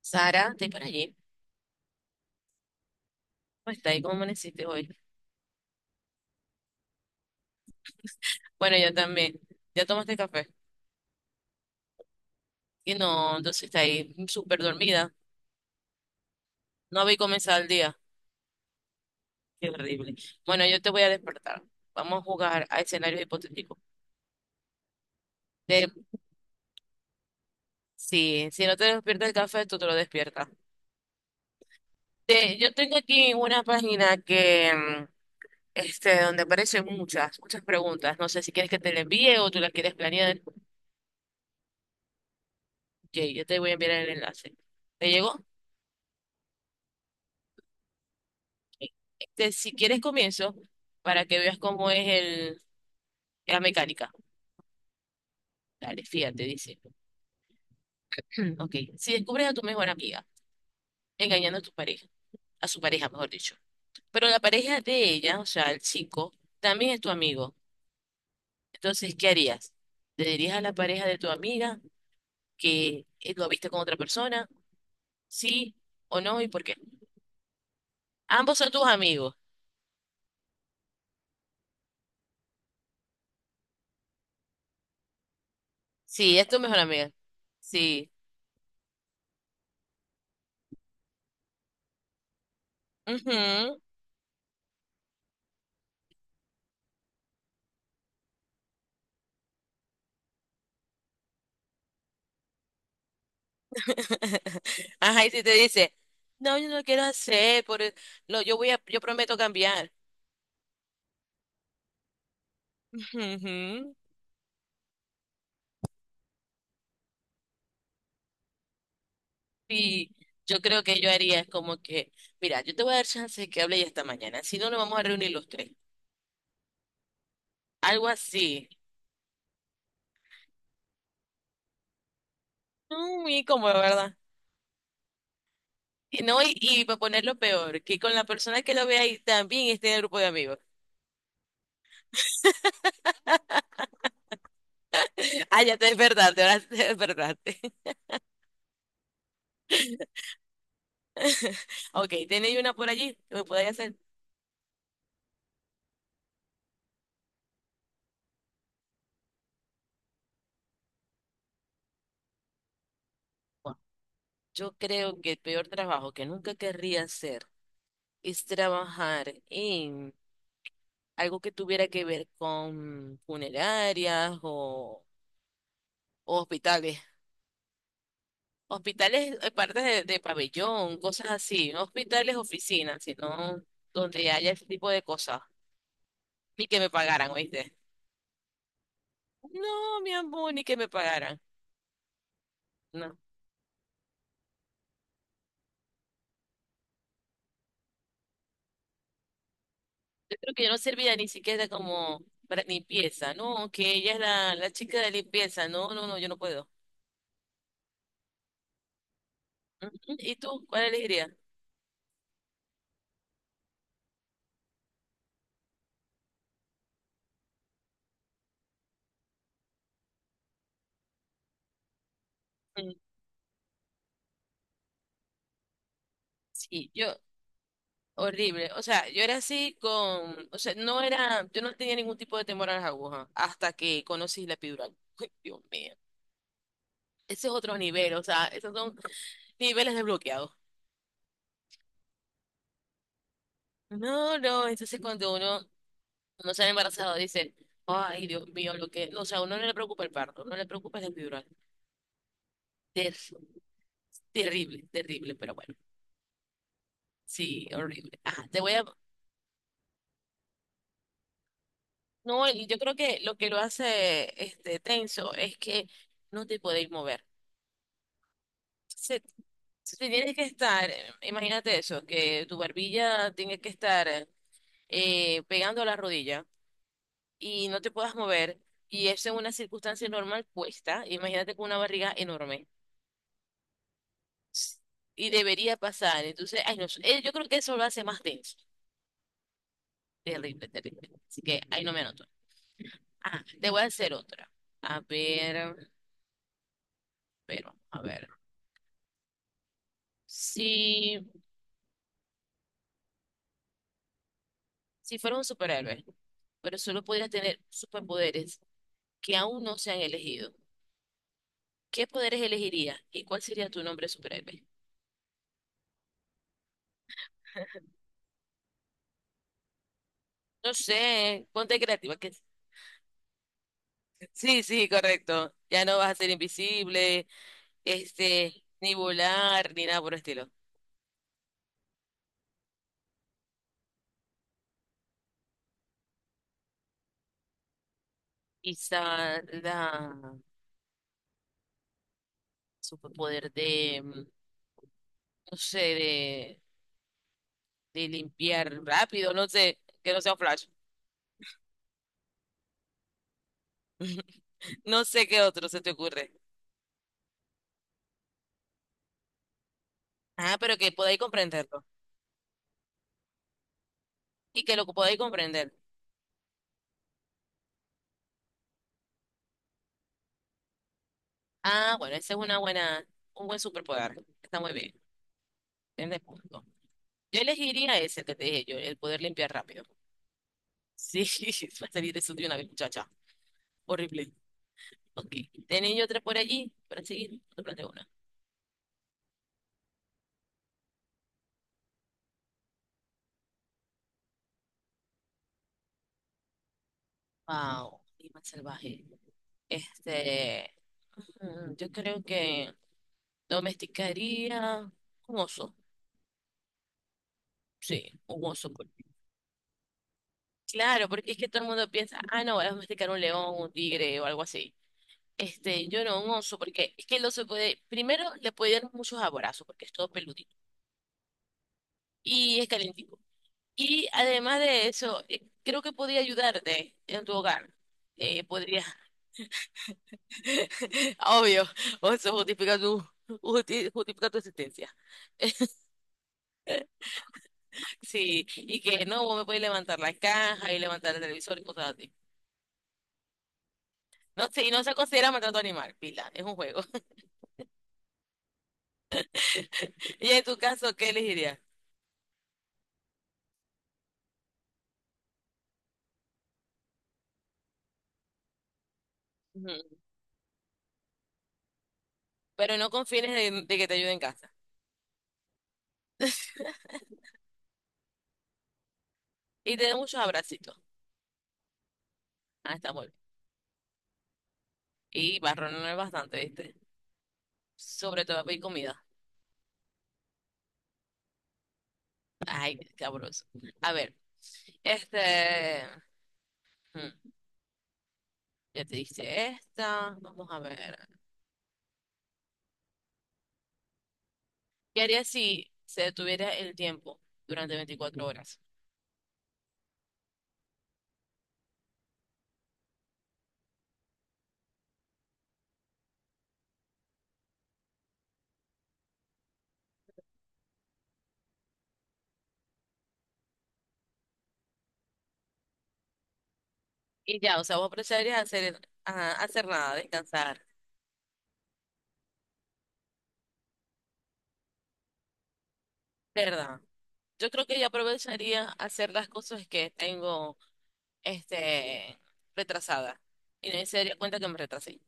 Sara, estoy por allí. ¿Cómo está ahí? ¿Cómo amaneciste hoy? Bueno, yo también. ¿Ya tomaste café? Y no, entonces está ahí súper dormida. No había comenzado el día. Qué horrible. Bueno, yo te voy a despertar. Vamos a jugar a escenarios hipotéticos. De, sí, si no te despierta el café, tú te lo despiertas. Yo tengo aquí una página que, este, donde aparecen muchas, muchas preguntas. No sé si quieres que te la envíe o tú las quieres planear. Ok, yo te voy a enviar el enlace. ¿Te llegó? Este, si quieres comienzo para que veas cómo es el, la mecánica. Dale, fíjate, dice. Ok, si descubres a tu mejor amiga engañando a tu pareja, a su pareja, mejor dicho, pero la pareja de ella, o sea, el chico, también es tu amigo. Entonces, ¿qué harías? ¿Te dirías a la pareja de tu amiga que lo viste con otra persona? ¿Sí o no? ¿Y por qué? Ambos son tus amigos. Sí, es tu mejor amiga. Sí. Ujú. Ajá, y si te dice, no, yo no quiero hacer, por el- lo, yo voy a, yo prometo cambiar. Ujú. Y yo creo que yo haría es como que, mira, yo te voy a dar chance de que hable ya esta mañana, si no nos vamos a reunir los tres. Algo así. No, muy cómodo, ¿verdad? Y no, y para ponerlo peor, que con la persona que lo ve ahí también esté en el grupo de amigos. Ah, ya te despertaste, ahora te despertaste. Ok, ¿tenéis una por allí que me podáis hacer? Bueno, yo creo que el peor trabajo que nunca querría hacer es trabajar en algo que tuviera que ver con funerarias o, hospitales. Hospitales, partes de pabellón, cosas así. No hospitales, oficinas, sino donde haya ese tipo de cosas. Ni que me pagaran, ¿oíste? No, mi amor, ni que me pagaran. No. Yo creo que yo no servía ni siquiera como para limpieza. No, que ella es la chica de limpieza. No, no, no, yo no puedo. Ujú. ¿Y tú? ¿Cuál elegirías? Mm, sí, yo. Horrible. O sea, yo era así con, o sea, no era, yo no tenía ningún tipo de temor a las agujas hasta que conocí la epidural. Ay, Dios mío. Ese es otro nivel, o sea, esos son niveles desbloqueados. No, no, entonces cuando uno no se ha embarazado dice, ay, Dios mío, lo que, o sea, a uno no le preocupa el parto, no le preocupa la epidural. Ter- terrible, terrible, pero bueno, sí, horrible. Ajá, te voy a, no, y yo creo que lo hace este tenso es que no te podéis mover. Se, se tiene que estar, imagínate eso, que tu barbilla tiene que estar pegando a la rodilla y no te puedas mover y eso en una circunstancia normal cuesta, imagínate con una barriga enorme s- y debería pasar, entonces, ay, no, sé, yo creo que eso lo hace más denso, terrible, terrible, así que ahí no me anoto. Ah, te voy a hacer otra, a ver, pero, a ver, si, si fueras un superhéroe, pero solo pudieras tener superpoderes que aún no se han elegido. ¿Qué poderes elegirías y cuál sería tu nombre superhéroe? No sé, ponte creativa. Que... Sí, sí, correcto. Ya no vas a ser invisible, este, ni volar, ni nada por el estilo. Quizá la superpoder de, no sé, de, limpiar rápido, no sé, que no sea un Flash. No sé qué otro se te ocurre. Ah, pero que podáis comprenderlo. Y que lo podáis comprender. Ah, bueno, ese es una buena, un buen superpoder. Está muy bien. Tienes punto. Yo elegiría ese que te dije yo, el poder limpiar rápido. Sí, va a salir eso de una vez, muchacha. Horrible. Ok. Tenía yo tres por allí para seguir. Te planteo una. Wow. Animal salvaje. Este. Yo creo que domesticaría un oso. Sí, un oso. Claro, porque es que todo el mundo piensa, ah, no, voy a domesticar un león, un tigre o algo así. Este, yo no, un oso, porque es que el oso puede, primero le puede dar muchos abrazos, porque es todo peludito y es calentito. Y además de eso, creo que podría ayudarte en tu hogar. Podría. Obvio, eso justifica tu, justifica tu existencia. Sí, y que no, vos me podés levantar la caja y levantar el televisor y cosas así. No sé, y no se considera maltrato animal, pila, es un juego. Y en tu caso, ¿qué elegirías? Ujú. Pero no confines de, que te ayude en casa. Y te dé muchos abracitos. Ah, está muy bien. Y barrón no es bastante, ¿viste? Sobre todo pedir comida. Ay, qué sabroso. A ver. Este, hmm, ya te diste esta. Vamos a ver. ¿Qué harías si se detuviera el tiempo durante 24 horas? Y ya, o sea, vos aprovecharías a hacer, nada, descansar, ¿verdad? Yo creo que yo aprovecharía hacer las cosas que tengo, este, retrasadas. Y no se daría cuenta que me retrasé.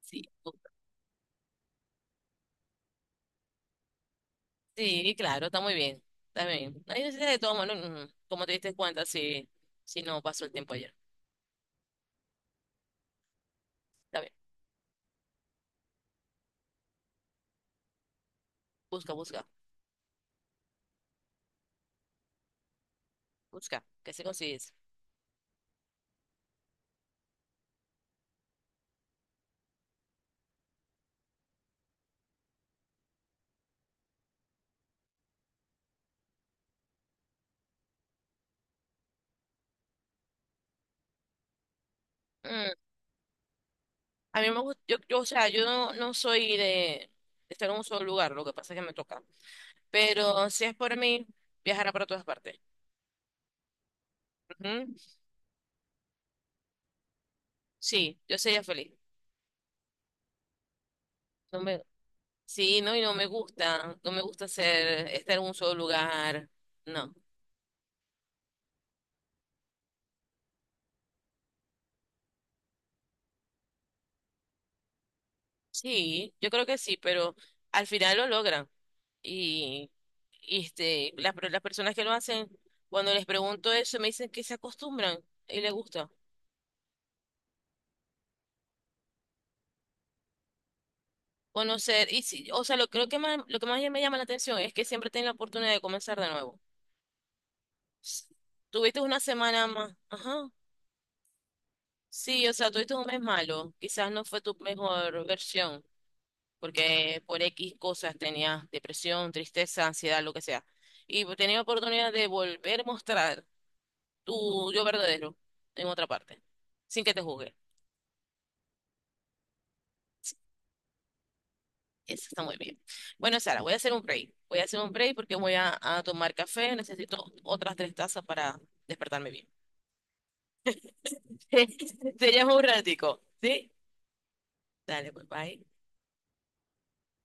Sí, justo. Sí, claro, está muy bien. Está bien. No hay necesidad de todo, bueno, como te diste cuenta si, si no pasó el tiempo ayer. Está bien. Busca, busca. Busca, que se consigues. Mm, A mí me gusta, yo, o sea, yo no, soy de, estar en un solo lugar, lo que pasa es que me toca. Pero si es por mí, viajará para todas partes. Ujú. Sí, yo sería feliz. No me, sí, no, y no me gusta ser, estar en un solo lugar. No. Sí, yo creo que sí, pero al final lo logran. Y, y, este, las, las personas que lo hacen, cuando les pregunto eso, me dicen que se acostumbran y les gusta. Conocer, y sí, o sea, lo, creo que más, lo que más me llama la atención es que siempre tienes la oportunidad de comenzar de nuevo. Tuviste una semana más, ajá, sí, o sea, tuviste un mes malo, quizás no fue tu mejor versión, porque por X cosas tenías depresión, tristeza, ansiedad, lo que sea, y tenías oportunidad de volver a mostrar tu yo verdadero en otra parte, sin que te juzguen. Eso está muy bien. Bueno, Sara, voy a hacer un break. Voy a hacer un break porque voy a, tomar café. Necesito otras tres tazas para despertarme bien. Te llamo un ratico, ¿sí? Dale, pues bye.